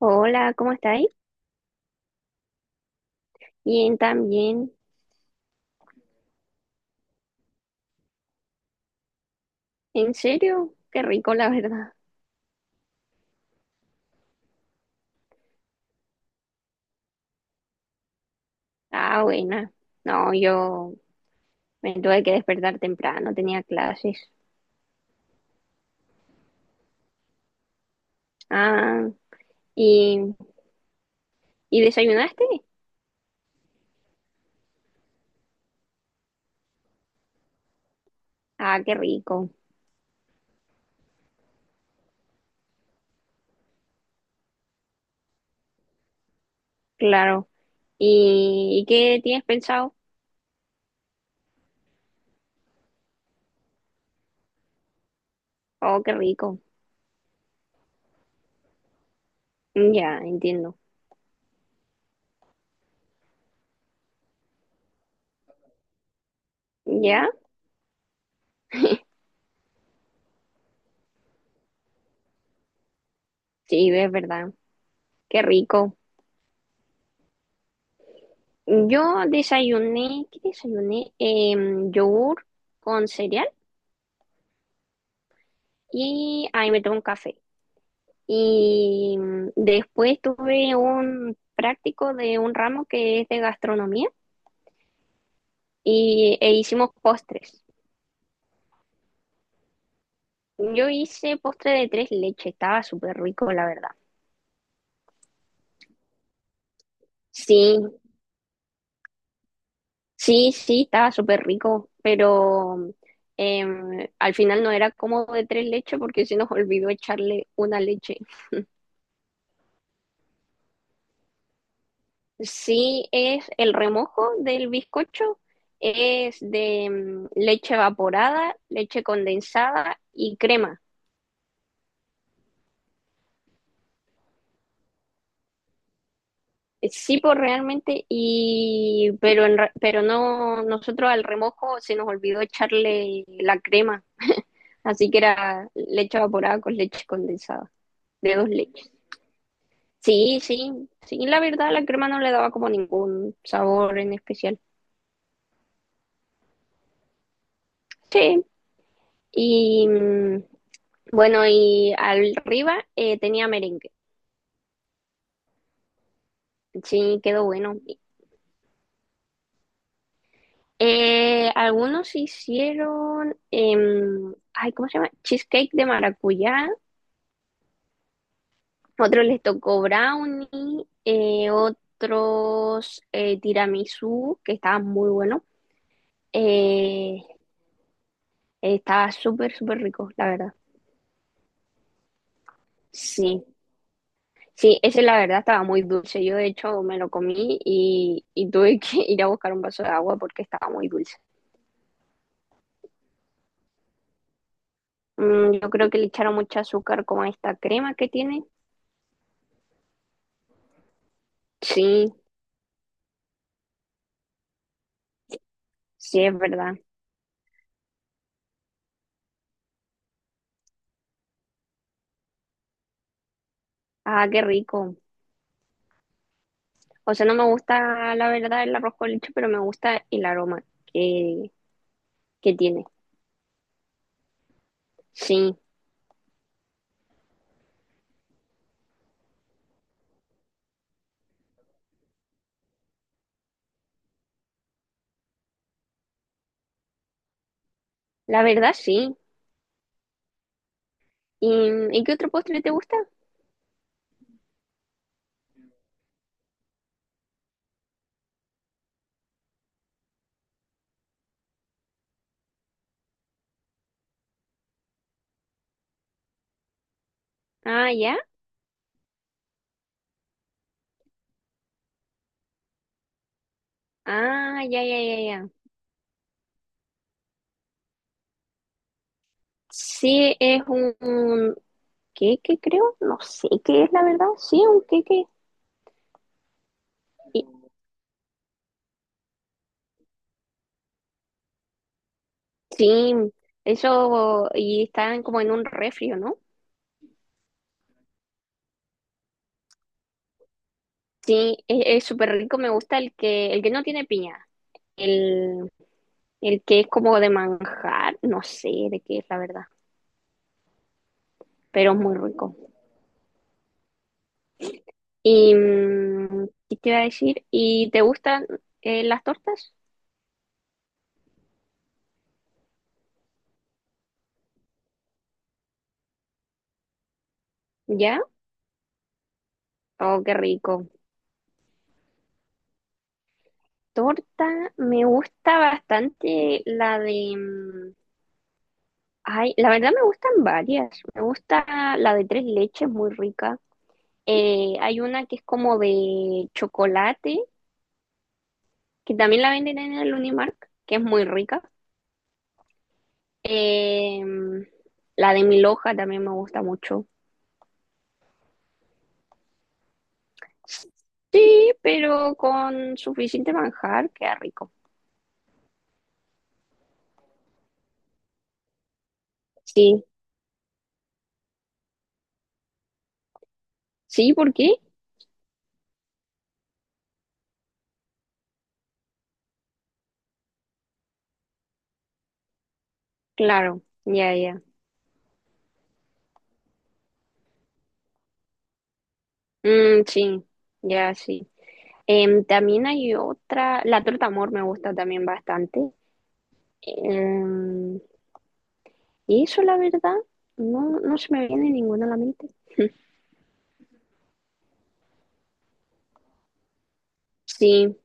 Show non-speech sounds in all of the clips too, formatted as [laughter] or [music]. Hola, ¿cómo estáis? Bien, también. ¿En serio? Qué rico, la verdad. Ah, buena. No, yo me tuve que despertar temprano, tenía clases. Ah, ¿y, y desayunaste? Ah, qué rico, claro. ¿Y qué tienes pensado? Oh, qué rico. Ya, entiendo. ¿Ya? Sí, es verdad. Qué rico. Yo desayuné, ¿qué desayuné? Yogur con cereal y ahí me tomé un café. Y después tuve un práctico de un ramo que es de gastronomía e hicimos postres. Yo hice postre de tres leches, estaba súper rico, la verdad. Sí, sí, sí, estaba súper rico, pero al final no era como de tres leches porque se nos [laughs] olvidó echarle una leche. Sí, es el remojo del bizcocho, es de leche evaporada, leche condensada y crema. Sí, pues realmente, pero no, nosotros al remojo se nos olvidó echarle la crema, así que era leche evaporada con leche condensada, de dos leches. Sí, sí, sí, la verdad la crema no le daba como ningún sabor en especial. Sí, y mm, bueno, y arriba tenía merengue, sí, quedó bueno. Algunos hicieron, ay, ¿cómo se llama? Cheesecake de maracuyá. Otros les tocó brownie, otros tiramisú, que estaban muy buenos. Eh, estaba súper rico, la verdad. Sí, sí, ese la verdad estaba muy dulce. Yo de hecho me lo comí y tuve que [laughs] ir a buscar un vaso de agua porque estaba muy dulce. Mm, yo creo que le echaron mucho azúcar como a esta crema que tiene. Sí, sí, es verdad. Ah, qué rico. O sea, no me gusta la verdad el arroz con leche, pero me gusta el aroma que, que tiene. Sí, la verdad sí. ¿Y, ¿y qué otro postre te gusta? Ah, ya. Ah, ya, ya, ya, ya. Sí, es un queque, creo. No sé qué es la verdad. Sí, un queque. Y- sí, eso. Y están como en un refrio, ¿no? Sí, e, es súper rico. Me gusta el que no tiene piña. El, el que es como de manjar. No sé de qué es la verdad. Pero es muy rico. ¿Y qué te iba a decir? ¿Y te gustan las tortas? ¿Ya? Oh, qué rico. Torta, me gusta bastante la de... ay, la verdad me gustan varias. Me gusta la de tres leches, muy rica. Hay una que es como de chocolate, que también la venden en el Unimark, que es muy rica. Eh, mm, la de mil hoja también me gusta mucho. Sí, pero con suficiente manjar, queda rico. Sí, sí, ¿por qué? Claro, ya, ya. Mm, sí, ya, sí. Em, también hay otra, la torta amor me gusta también bastante. Em, y eso, la verdad, no se me viene ninguna a la mente. [laughs] Sí,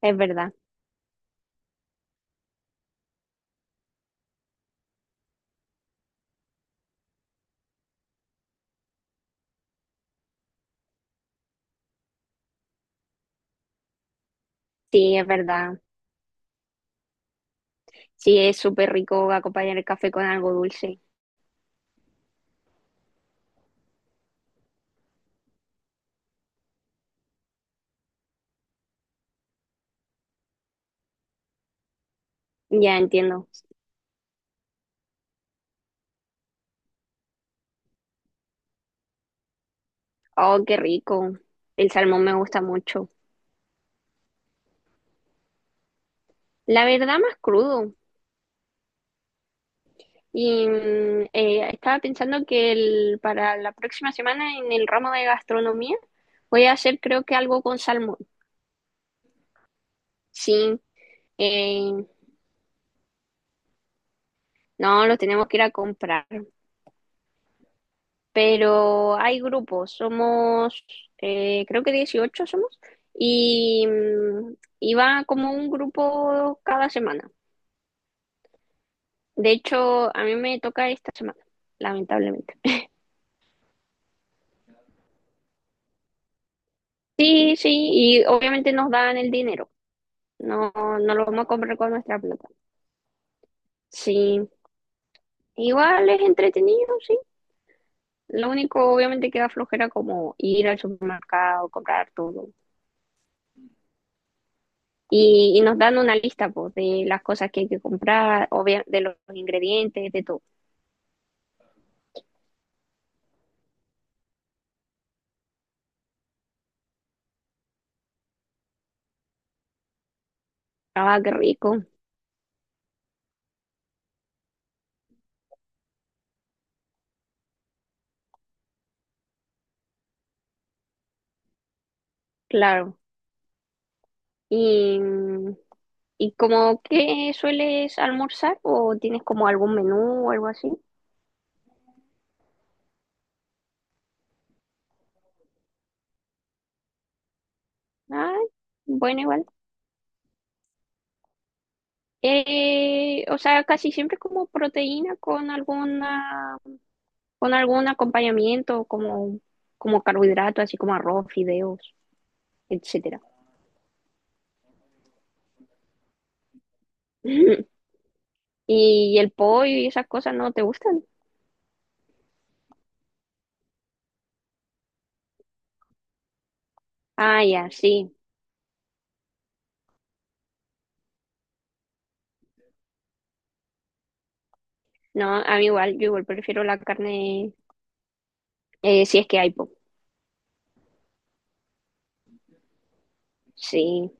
es verdad, sí, es verdad. Sí, es súper rico acompañar el café con algo dulce. Ya entiendo. Oh, qué rico. El salmón me gusta mucho. La verdad, más crudo. Y estaba pensando para la próxima semana en el ramo de gastronomía voy a hacer creo que algo con salmón. Sí, eh, no, los tenemos que ir a comprar, pero hay grupos, somos, creo que 18 somos, y va como un grupo cada semana. De hecho, a mí me toca esta semana, lamentablemente. Sí, sí, y obviamente nos dan el dinero, no, no lo vamos a comprar con nuestra plata. Sí, igual es entretenido, sí. Lo único, obviamente, que da flojera como ir al supermercado, comprar todo. Y y nos dan una lista pues, de las cosas que hay que comprar, de los ingredientes, de todo. Ah, qué rico, claro. ¿Y y como que sueles almorzar o tienes como algún menú o algo así? Ah, bueno, igual. O sea, casi siempre como proteína con algún acompañamiento, como carbohidrato, así como arroz, fideos, etcétera. [laughs] Y el pollo y esas cosas no te gustan. Ah, ya, sí. No, a mí igual, yo igual prefiero la carne, si es que hay, po. Sí,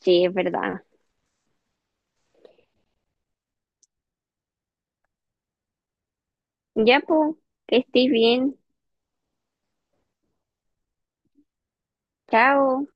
sí, es verdad. Ya, po, que estés bien. Chao.